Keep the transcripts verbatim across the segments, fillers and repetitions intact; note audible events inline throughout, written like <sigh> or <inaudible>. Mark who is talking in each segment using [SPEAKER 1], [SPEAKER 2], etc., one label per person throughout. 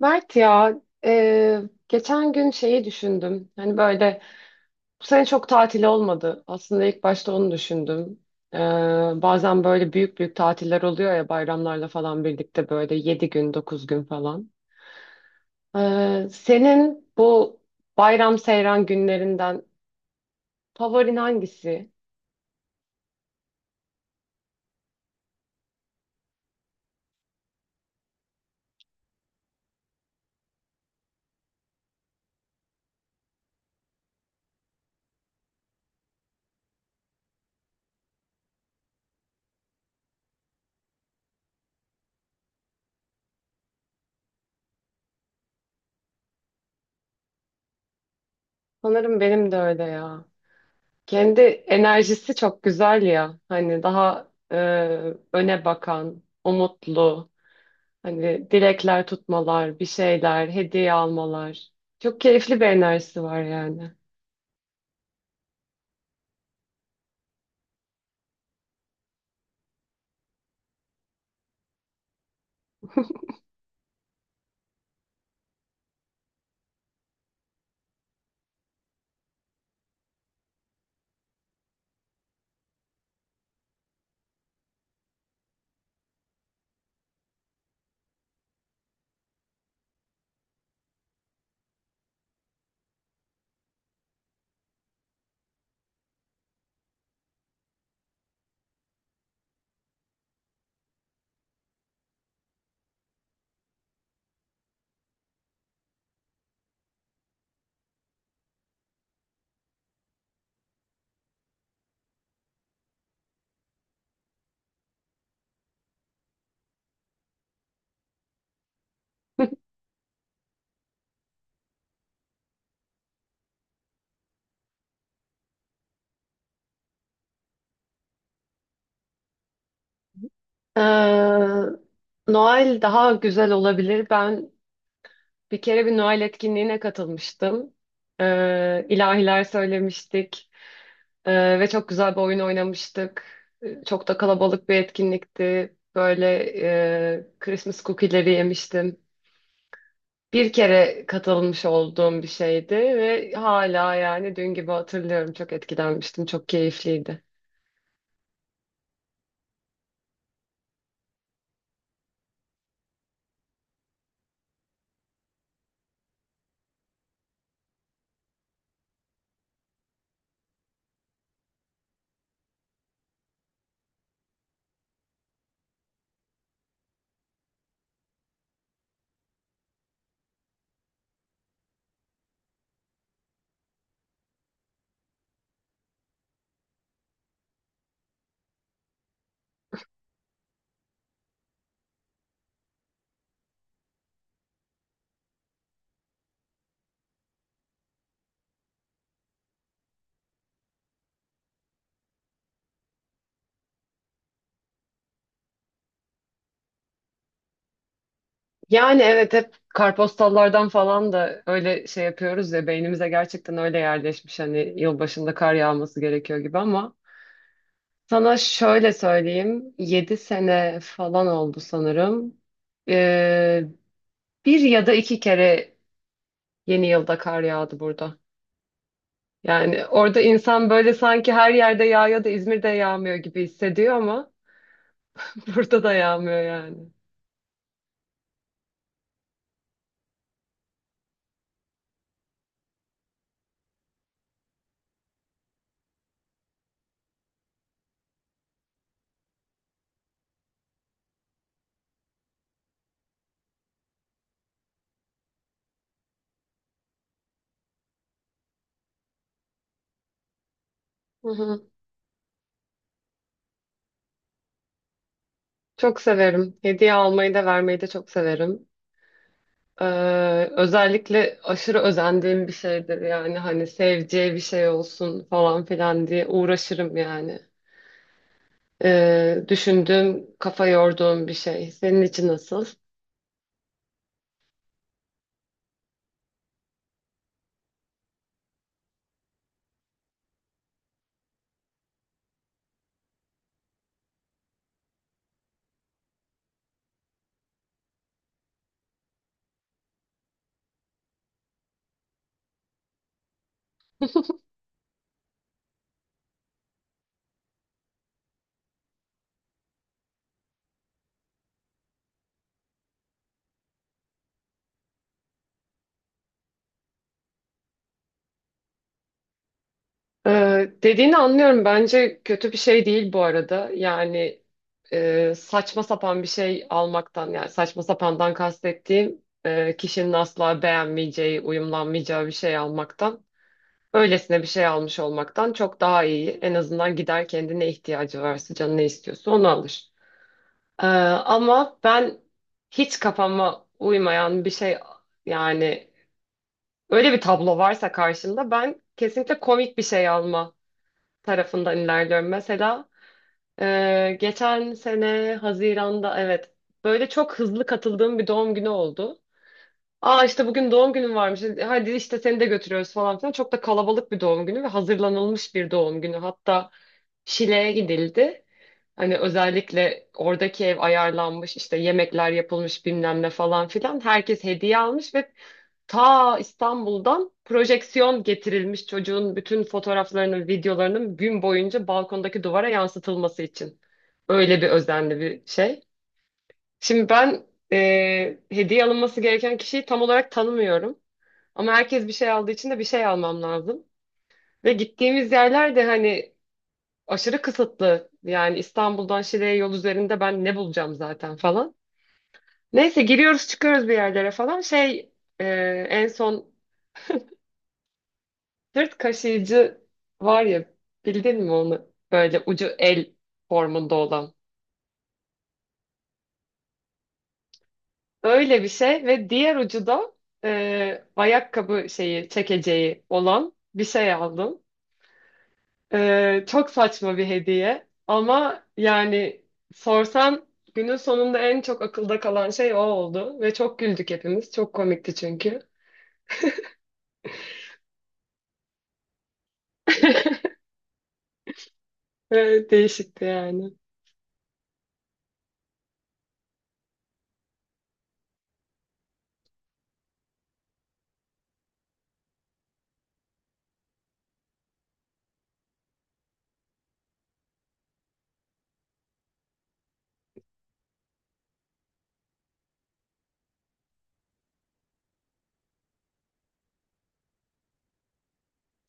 [SPEAKER 1] Mert ya, e, geçen gün şeyi düşündüm. Hani böyle bu sene çok tatil olmadı. Aslında ilk başta onu düşündüm. E, Bazen böyle büyük büyük tatiller oluyor ya, bayramlarla falan birlikte, böyle yedi gün dokuz gün falan. E, senin bu bayram seyran günlerinden favorin hangisi? Sanırım benim de öyle ya. Kendi enerjisi çok güzel ya. Hani daha e, öne bakan, umutlu. Hani dilekler tutmalar, bir şeyler, hediye almalar. Çok keyifli bir enerjisi var yani. <laughs> Ee, Noel daha güzel olabilir. Ben bir kere bir Noel etkinliğine katılmıştım. Ee, ilahiler söylemiştik. Ee, ve çok güzel bir oyun oynamıştık. Ee, Çok da kalabalık bir etkinlikti. Böyle e, Christmas cookie'leri yemiştim. Bir kere katılmış olduğum bir şeydi ve hala yani dün gibi hatırlıyorum. Çok etkilenmiştim. Çok keyifliydi. Yani evet, hep kartpostallardan falan da öyle şey yapıyoruz ya, beynimize gerçekten öyle yerleşmiş hani yılbaşında kar yağması gerekiyor gibi, ama sana şöyle söyleyeyim, yedi sene falan oldu sanırım. Ee, Bir ya da iki kere yeni yılda kar yağdı burada. Yani orada insan böyle sanki her yerde yağıyor da İzmir'de yağmıyor gibi hissediyor, ama burada da yağmıyor yani. Hı hı. Çok severim. Hediye almayı da vermeyi de çok severim. Ee, Özellikle aşırı özendiğim bir şeydir yani, hani seveceği bir şey olsun falan filan diye uğraşırım yani. Ee, düşündüğüm, kafa yorduğum bir şey. Senin için nasıl? Ee, dediğini anlıyorum. Bence kötü bir şey değil bu arada. Yani e, saçma sapan bir şey almaktan, yani saçma sapandan kastettiğim e, kişinin asla beğenmeyeceği, uyumlanmayacağı bir şey almaktan, öylesine bir şey almış olmaktan çok daha iyi. En azından gider kendine, ihtiyacı varsa, canı ne istiyorsa onu alır. Ee, ama ben hiç kafama uymayan bir şey, yani öyle bir tablo varsa karşımda ben kesinlikle komik bir şey alma tarafından ilerliyorum. Mesela e, geçen sene Haziran'da, evet, böyle çok hızlı katıldığım bir doğum günü oldu. Aa, işte bugün doğum günün varmış. Hadi işte seni de götürüyoruz falan filan. Çok da kalabalık bir doğum günü ve hazırlanılmış bir doğum günü. Hatta Şile'ye gidildi. Hani özellikle oradaki ev ayarlanmış, işte yemekler yapılmış bilmem ne falan filan. Herkes hediye almış ve ta İstanbul'dan projeksiyon getirilmiş, çocuğun bütün fotoğraflarının, videolarının gün boyunca balkondaki duvara yansıtılması için. Öyle bir özenli bir şey. Şimdi ben e, hediye alınması gereken kişiyi tam olarak tanımıyorum. Ama herkes bir şey aldığı için de bir şey almam lazım. Ve gittiğimiz yerler de hani aşırı kısıtlı. Yani İstanbul'dan Şile'ye yol üzerinde ben ne bulacağım zaten falan. Neyse, giriyoruz çıkıyoruz bir yerlere falan. Şey, e, en son sırt kaşıyıcı var ya, bildin mi onu? Böyle ucu el formunda olan. Öyle bir şey ve diğer ucu da e, ayakkabı şeyi çekeceği olan bir şey aldım. Ee, çok saçma bir hediye ama yani sorsan, günün sonunda en çok akılda kalan şey o oldu ve çok güldük hepimiz. Çok komikti çünkü. <laughs> Ee, Değişikti yani.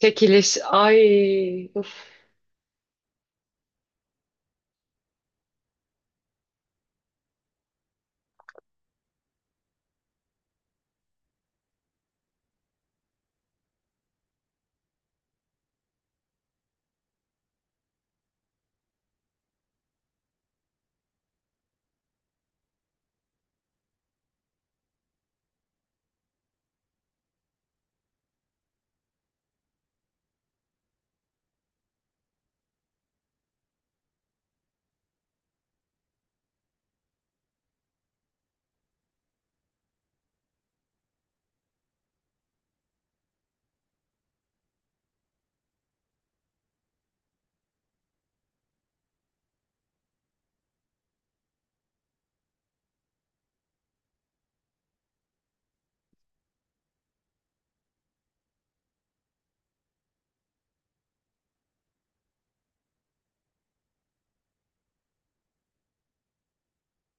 [SPEAKER 1] Çekiliş, ay uf.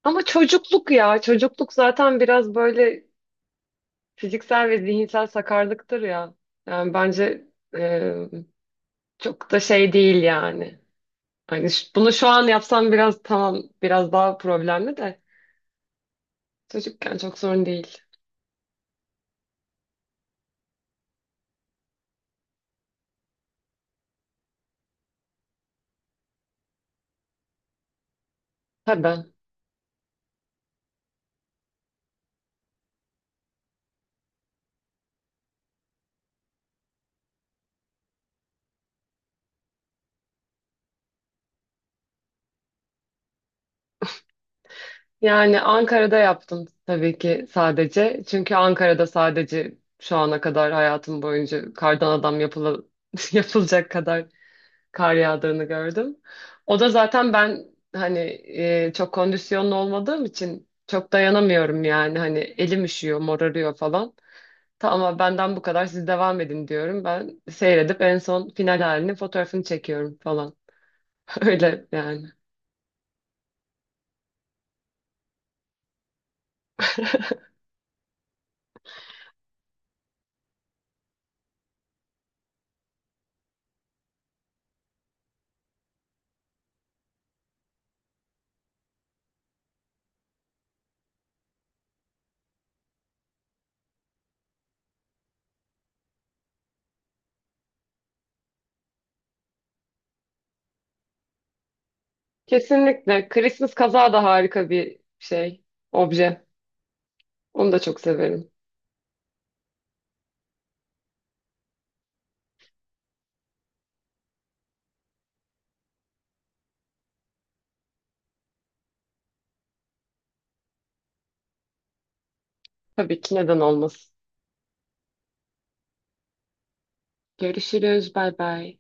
[SPEAKER 1] Ama çocukluk ya, çocukluk zaten biraz böyle fiziksel ve zihinsel sakarlıktır ya. Yani bence e, çok da şey değil yani. Hani ş- bunu şu an yapsam biraz tamam, biraz daha problemli de çocukken çok sorun değil. Tabii. Yani Ankara'da yaptım tabii ki sadece. Çünkü Ankara'da sadece şu ana kadar hayatım boyunca kardan adam yapıla, <laughs> yapılacak kadar kar yağdığını gördüm. O da zaten ben hani e, çok kondisyonlu olmadığım için çok dayanamıyorum yani. Hani elim üşüyor, morarıyor falan. Tamam, benden bu kadar, siz devam edin diyorum. Ben seyredip en son final halini, fotoğrafını çekiyorum falan. <laughs> Öyle yani. Kesinlikle. Christmas kazağı da harika bir şey, obje. Onu da çok severim. Tabii ki, neden olmasın. Görüşürüz. Bay bay.